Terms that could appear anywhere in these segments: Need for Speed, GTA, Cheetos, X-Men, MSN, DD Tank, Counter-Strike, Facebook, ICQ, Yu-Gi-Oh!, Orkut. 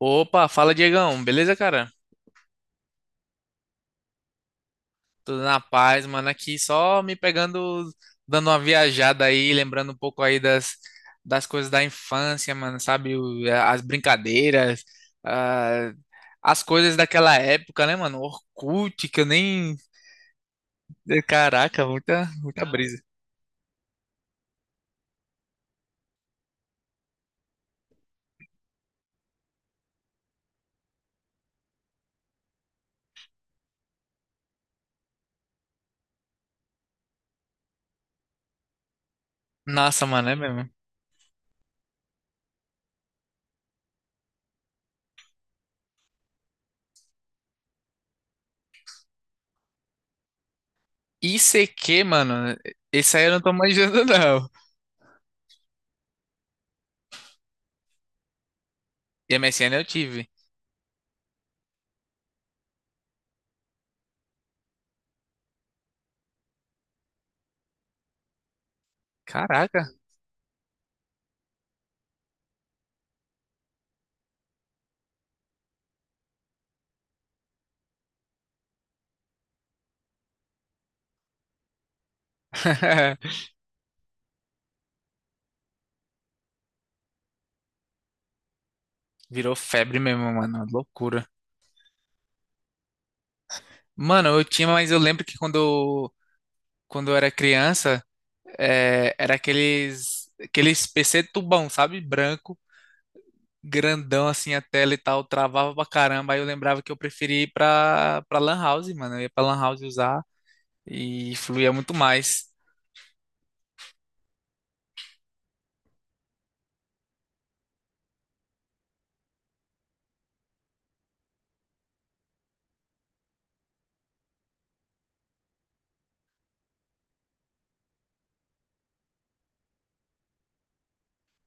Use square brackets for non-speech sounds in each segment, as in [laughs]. Opa, fala Diegão, beleza, cara? Tudo na paz, mano, aqui só me pegando, dando uma viajada aí, lembrando um pouco aí das coisas da infância, mano, sabe? As brincadeiras, ah, as coisas daquela época, né, mano? Orkut, que eu nem... Caraca, muita brisa. Nossa, mano, é mesmo. I C ICQ, mano, esse aí eu não tô manjando, [laughs] não. MSN eu tive. Caraca. [laughs] Virou febre mesmo, mano, loucura. Mano, eu tinha, mas eu lembro que quando eu era criança, era aqueles PC tubão, sabe? Branco, grandão assim a tela e tal, travava pra caramba. Aí eu lembrava que eu preferia ir pra Lan House, mano. Eu ia pra Lan House usar e fluía muito mais.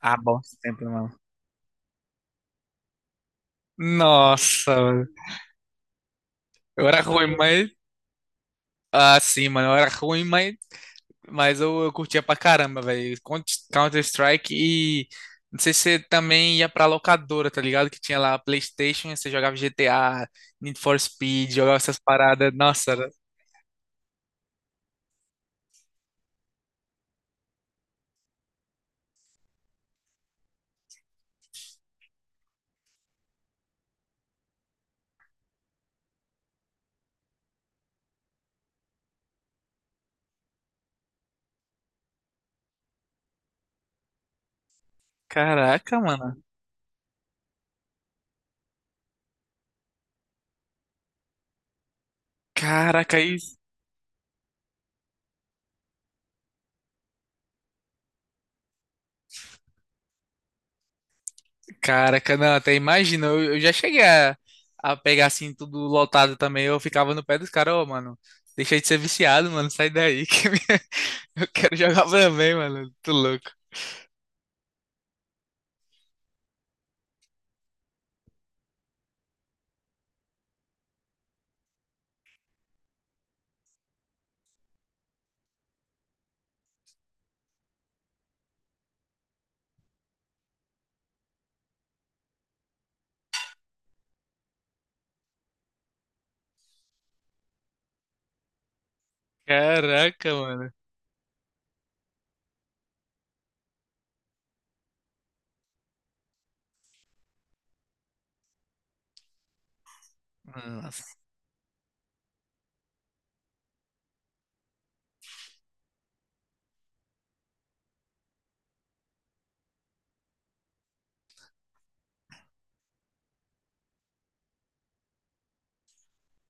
Ah, bom sempre, mano. Nossa, mano. Eu era ruim, mas. Ah, sim, mano. Eu era ruim, mas eu curtia pra caramba, velho. Counter-Strike e. Não sei se você também ia pra locadora, tá ligado? Que tinha lá a PlayStation, você jogava GTA, Need for Speed, jogava essas paradas. Nossa, era caraca, mano. Caraca, isso. Caraca, não, até imagina. Eu já cheguei a pegar assim, tudo lotado também. Eu ficava no pé dos caras, ô, mano. Deixa de ser viciado, mano. Sai daí. Que [laughs] eu quero jogar também, mano. Tô louco. Caraca, mano. Nossa.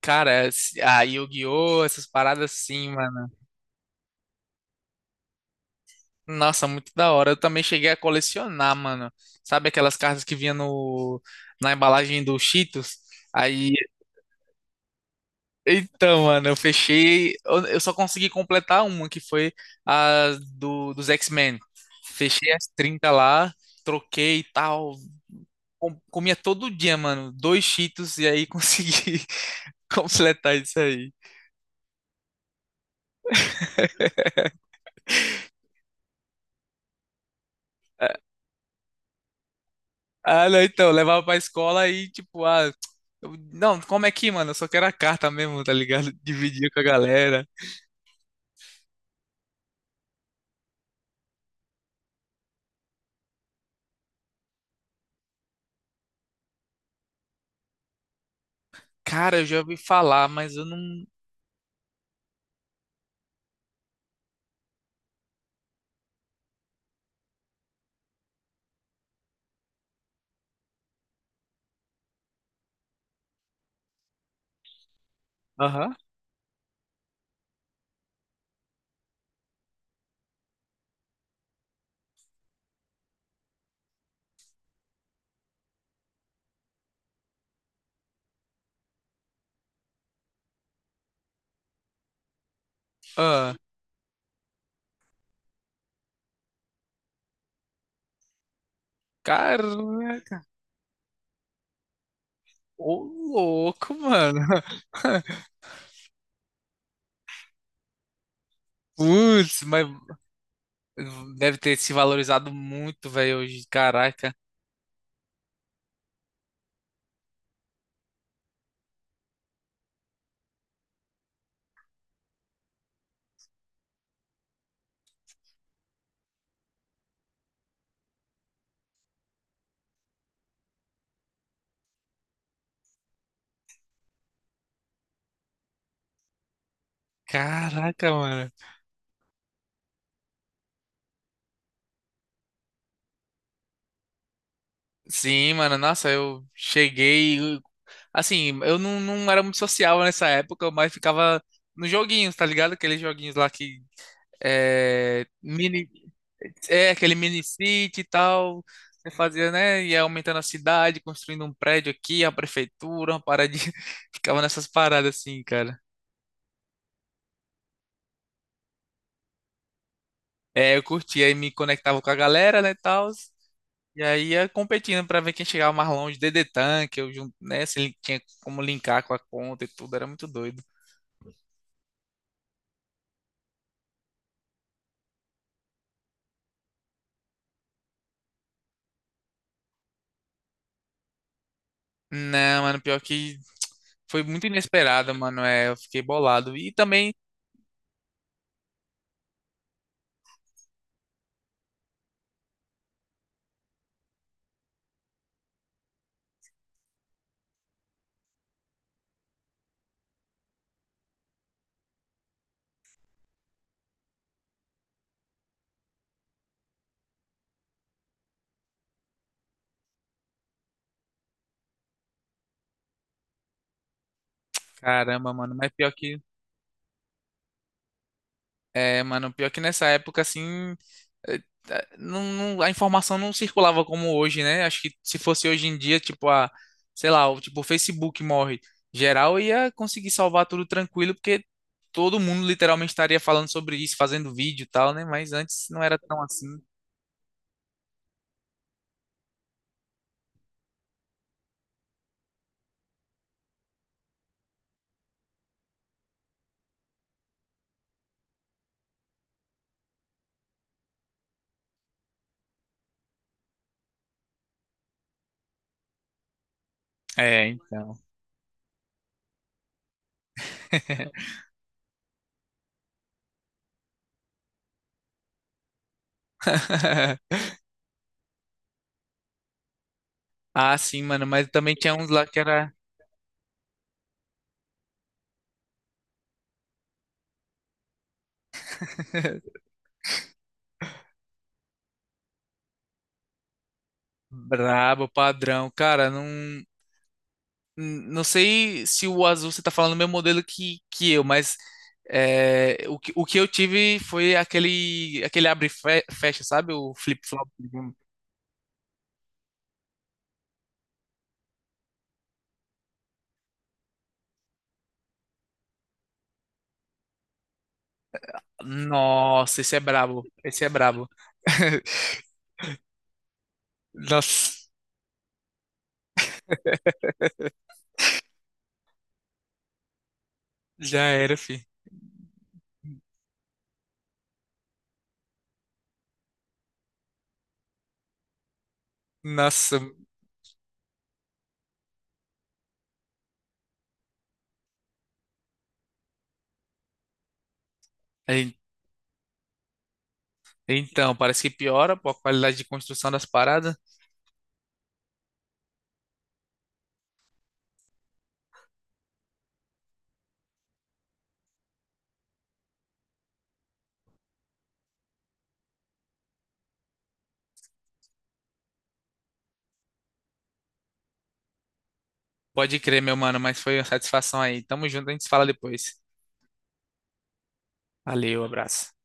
Cara, a Yu-Gi-Oh! Essas paradas sim, mano. Nossa, muito da hora. Eu também cheguei a colecionar, mano. Sabe aquelas cartas que vinha no, na embalagem do Cheetos? Aí, então, mano, eu fechei. Eu só consegui completar uma, que foi a dos X-Men. Fechei as 30 lá, troquei e tal. Comia todo dia, mano. Dois Cheetos e aí [laughs] consegui completar isso aí. Ah, não, então, eu levava pra escola e, tipo, ah, não, como é que, mano? Eu só quero a carta mesmo, tá ligado? [laughs] Dividia com a galera. Cara, eu já ouvi falar, mas eu não. Aham. Ah, cara, ô louco, mano. [laughs] Putz, mas deve ter se valorizado muito, velho, hoje. Caraca. Caraca, mano. Sim, mano, nossa, eu cheguei. Assim, eu não, não era muito social nessa época, mas ficava nos joguinhos, tá ligado? Aqueles joguinhos lá que é, mini, é aquele mini city e tal. Você fazia, né? Ia aumentando a cidade, construindo um prédio aqui, a prefeitura, uma parada. [laughs] Ficava nessas paradas assim, cara. É, eu curtia aí me conectava com a galera, né, tal. E aí ia competindo pra ver quem chegava mais longe. DD Tank, eu junto né, se ele tinha como linkar com a conta e tudo, era muito doido. Não, mano, pior que foi muito inesperado, mano. É, eu fiquei bolado. E também, caramba, mano, mas pior que é, mano, pior que nessa época, assim, eh, não a informação não circulava como hoje, né? Acho que se fosse hoje em dia, tipo, a, sei lá, o, tipo, o Facebook morre geral, ia conseguir salvar tudo tranquilo, porque todo mundo literalmente estaria falando sobre isso, fazendo vídeo e tal, né? Mas antes não era tão assim. É, então. [laughs] Ah, sim, mano, mas também tinha uns lá que era brabo, padrão. Cara, não. Não sei se o azul você está falando do mesmo modelo que eu, mas o que eu tive foi aquele fecha, sabe? O flip-flop. Nossa, esse é brabo. Esse é brabo. [laughs] Nossa, já era, fi. Nossa. En- Então, parece que piora pô, a qualidade de construção das paradas. Pode crer, meu mano, mas foi uma satisfação aí. Tamo junto, a gente se fala depois. Valeu, abraço.